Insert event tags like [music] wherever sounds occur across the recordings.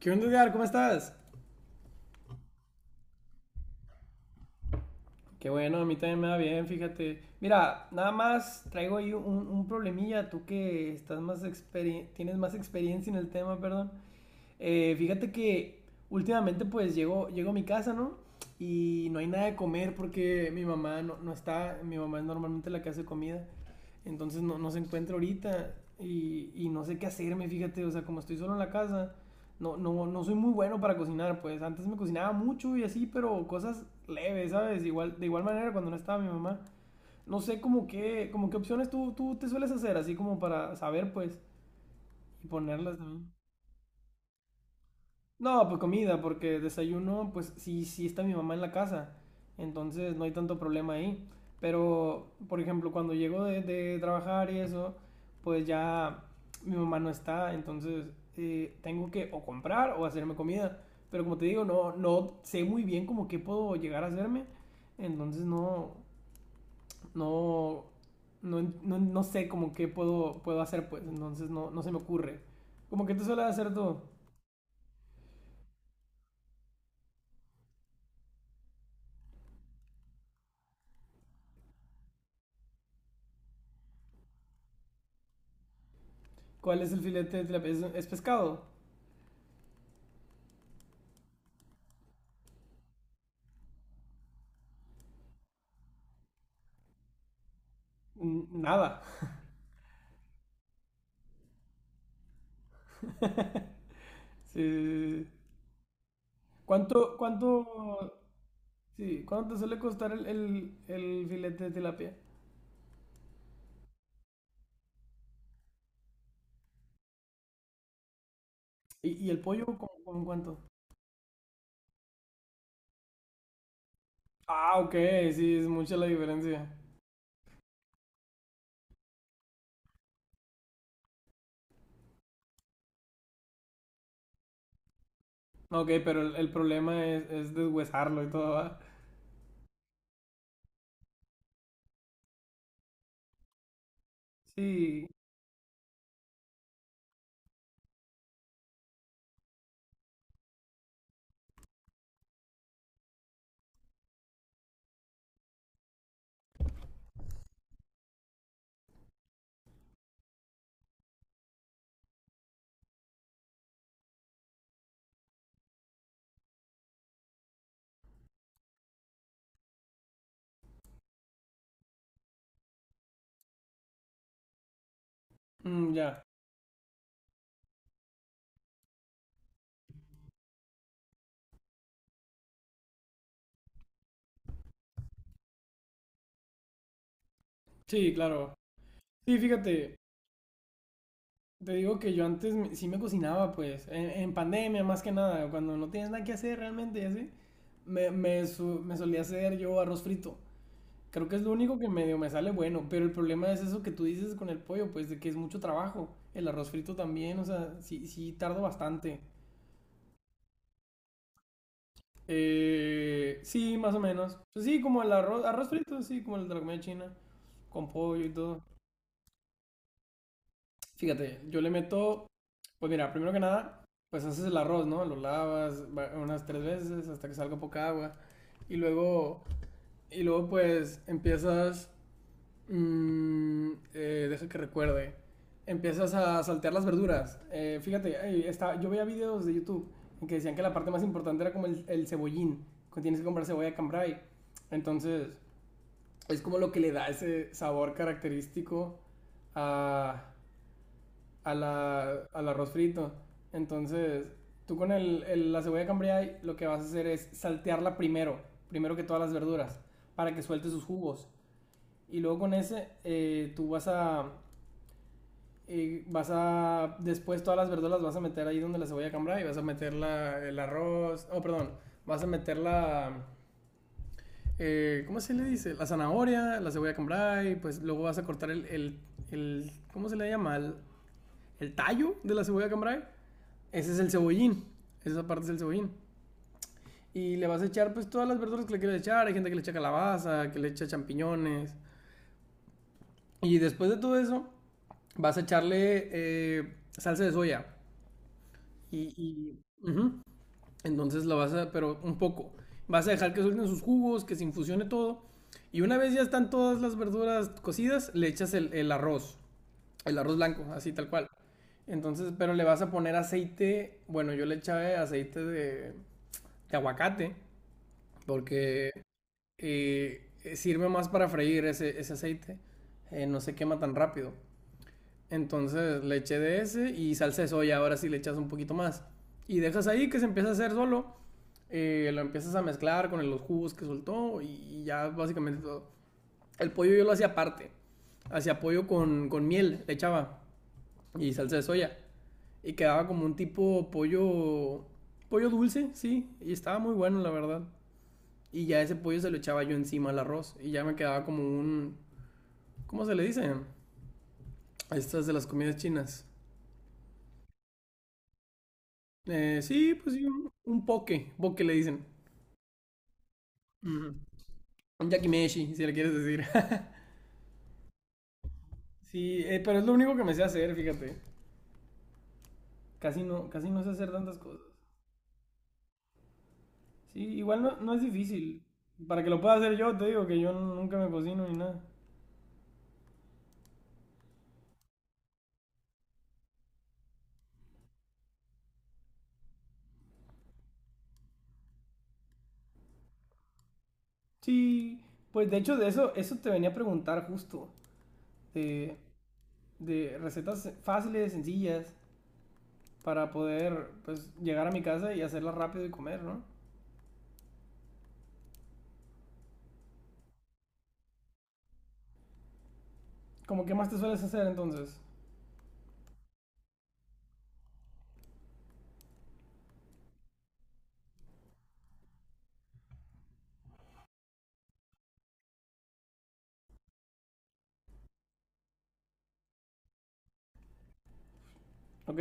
¿Qué onda, Edgar? ¿Cómo estás? Qué bueno, a mí también me va bien, fíjate. Mira, nada más traigo ahí un problemilla, tú que estás más tienes más experiencia en el tema, perdón. Fíjate que últimamente pues llego a mi casa, ¿no? Y no hay nada de comer porque mi mamá no está, mi mamá es normalmente la que hace comida, entonces no se encuentra ahorita y no sé qué hacerme, fíjate, o sea, como estoy solo en la casa, no, no, no soy muy bueno para cocinar, pues antes me cocinaba mucho y así, pero cosas leves, ¿sabes? Igual, de igual manera cuando no estaba mi mamá. No sé como qué opciones tú te sueles hacer, así como para saber, pues, y ponerlas también. No, pues comida, porque desayuno, pues sí, sí está mi mamá en la casa, entonces no hay tanto problema ahí. Pero, por ejemplo, cuando llego de trabajar y eso, pues ya mi mamá no está, entonces tengo que o comprar o hacerme comida. Pero como te digo, no sé muy bien como qué puedo llegar a hacerme, entonces no, no, no, no, no sé como qué puedo hacer, pues, entonces no se me ocurre. ¿Cómo que tú sueles hacer tú? ¿Cuál es el filete de tilapia? Es pescado? N- Nada. Sí, sí, sí, sí. ¿Cuánto, cuánto, sí, cuánto te suele costar el, el filete de tilapia? Y el pollo, cómo, cómo cuánto? Ah, ok, sí, es mucha la diferencia. Ok, pero el problema es deshuesarlo y todo, ¿va? Sí, mm, ya. Sí, claro. Sí, fíjate, te digo que yo antes sí me cocinaba, pues, en pandemia más que nada, cuando no tienes nada que hacer realmente y así, me solía hacer yo arroz frito. Creo que es lo único que medio me sale bueno, pero el problema es eso que tú dices con el pollo, pues, de que es mucho trabajo. El arroz frito también, o sea, sí, sí tardo bastante. Sí, más o menos. Pues sí, como el arroz, arroz frito, sí, como el de la comida china, con pollo y todo. Fíjate, yo le meto, pues mira, primero que nada, pues haces el arroz, ¿no? Lo unas 3 veces hasta que salga poca agua. Y luego, y luego pues empiezas, deja que recuerde, empiezas a saltear las verduras. Fíjate, ahí está, yo veía videos de YouTube en que decían que la parte más importante era como el cebollín, que tienes que comprar cebolla cambrai. Entonces, es como lo que le da ese sabor característico a a la, al arroz frito. Entonces, tú con el, la cebolla cambray lo que vas a hacer es saltearla primero, primero que todas las verduras, para que suelte sus jugos. Y luego con ese, vas a, después todas las verduras las vas a meter ahí donde la cebolla cambray y vas a meter la, el arroz, oh, perdón, vas a meter la, ¿cómo se le dice? La zanahoria, la cebolla cambray, pues luego vas a cortar el, ¿cómo se le llama? El tallo de la cebolla cambray. Ese es el cebollín. Esa parte es el cebollín. Y le vas a echar pues todas las verduras que le quieras echar. Hay gente que le echa calabaza, que le echa champiñones. Y después de todo eso, vas a echarle salsa de soya. Y, y ujú, entonces lo vas a, pero un poco. Vas a dejar que suelten sus jugos, que se infusione todo. Y una vez ya están todas las verduras cocidas, le echas el arroz. El arroz blanco, así tal cual. Entonces, pero le vas a poner aceite, bueno, yo le echaba aceite de aguacate, porque eh, sirve más para freír ese, ese aceite, no se quema tan rápido. Entonces le eché de ese y salsa de soya, ahora sí le echas un poquito más. Y dejas ahí que se empieza a hacer solo, lo empiezas a mezclar con los jugos que soltó y ya básicamente todo. El pollo yo lo hacía aparte, hacía pollo con miel, le echaba y salsa de soya. Y quedaba como un tipo pollo, pollo dulce, sí, y estaba muy bueno, la verdad. Y ya ese pollo se lo echaba yo encima al arroz y ya me quedaba como un, ¿cómo se le dice? Estas de las comidas chinas. Sí, pues sí, un poke, poke le dicen. Ujú. Un yakimeshi, si le quieres decir. [laughs] Sí, pero es lo único que me sé hacer, fíjate. Casi no sé hacer tantas cosas. Sí, igual no es difícil. Para que lo pueda hacer yo, te digo que yo nunca me cocino ni nada. Sí, pues de hecho de eso, eso te venía a preguntar justo, de, de recetas fáciles, sencillas, para poder pues llegar a mi casa y hacerlas rápido y comer, ¿no? Como qué más te sueles hacer entonces? ¿Ok?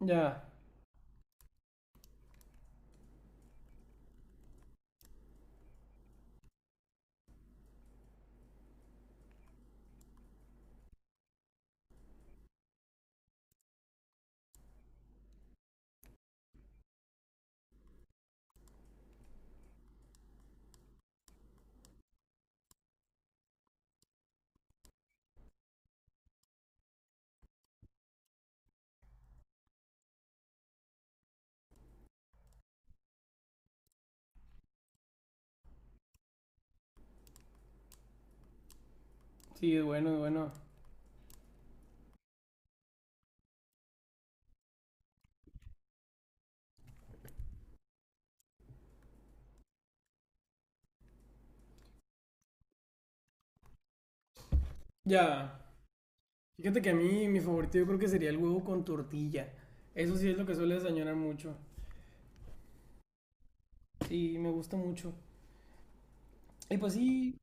Ya, sí, es bueno, es bueno. Ya, fíjate que a mí mi favorito yo creo que sería el huevo con tortilla. Eso sí es lo que sueles añorar mucho. Sí, me gusta mucho. Y pues sí,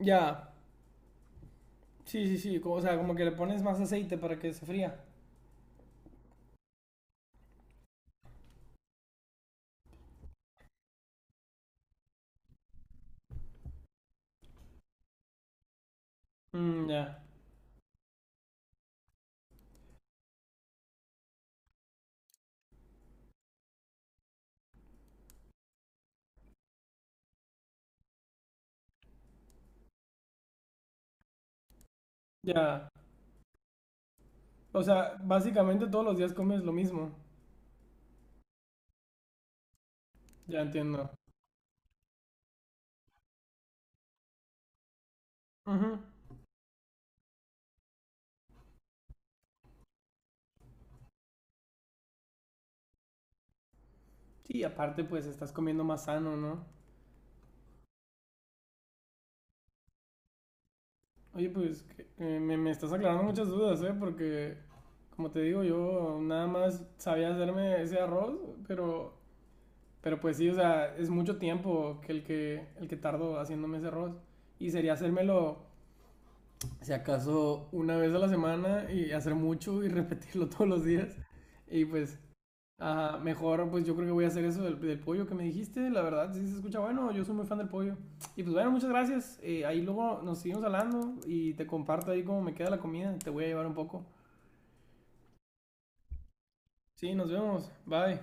ya, sí, sí, sí, como, o sea, como que le pones más aceite para que se fría. Mm, ya, ya. O sea, básicamente todos los días comes lo mismo. Ya entiendo. Ujú. Sí, aparte pues estás comiendo más sano, ¿no? Oye, pues me estás aclarando muchas dudas, ¿eh? Porque, como te digo, yo nada más sabía hacerme ese arroz, pero, pero pues sí, o sea, es mucho tiempo que el que, el que tardo haciéndome ese arroz. Y sería hacérmelo, si acaso, 1 vez a la semana y hacer mucho y repetirlo [laughs] todos los días. Y pues ajá, mejor, pues yo creo que voy a hacer eso del, del pollo que me dijiste. La verdad, sí se escucha bueno. Yo soy muy fan del pollo. Y pues bueno, muchas gracias. Ahí luego nos seguimos hablando y te comparto ahí cómo me queda la comida. Te voy a llevar un poco. Sí, nos vemos. Bye.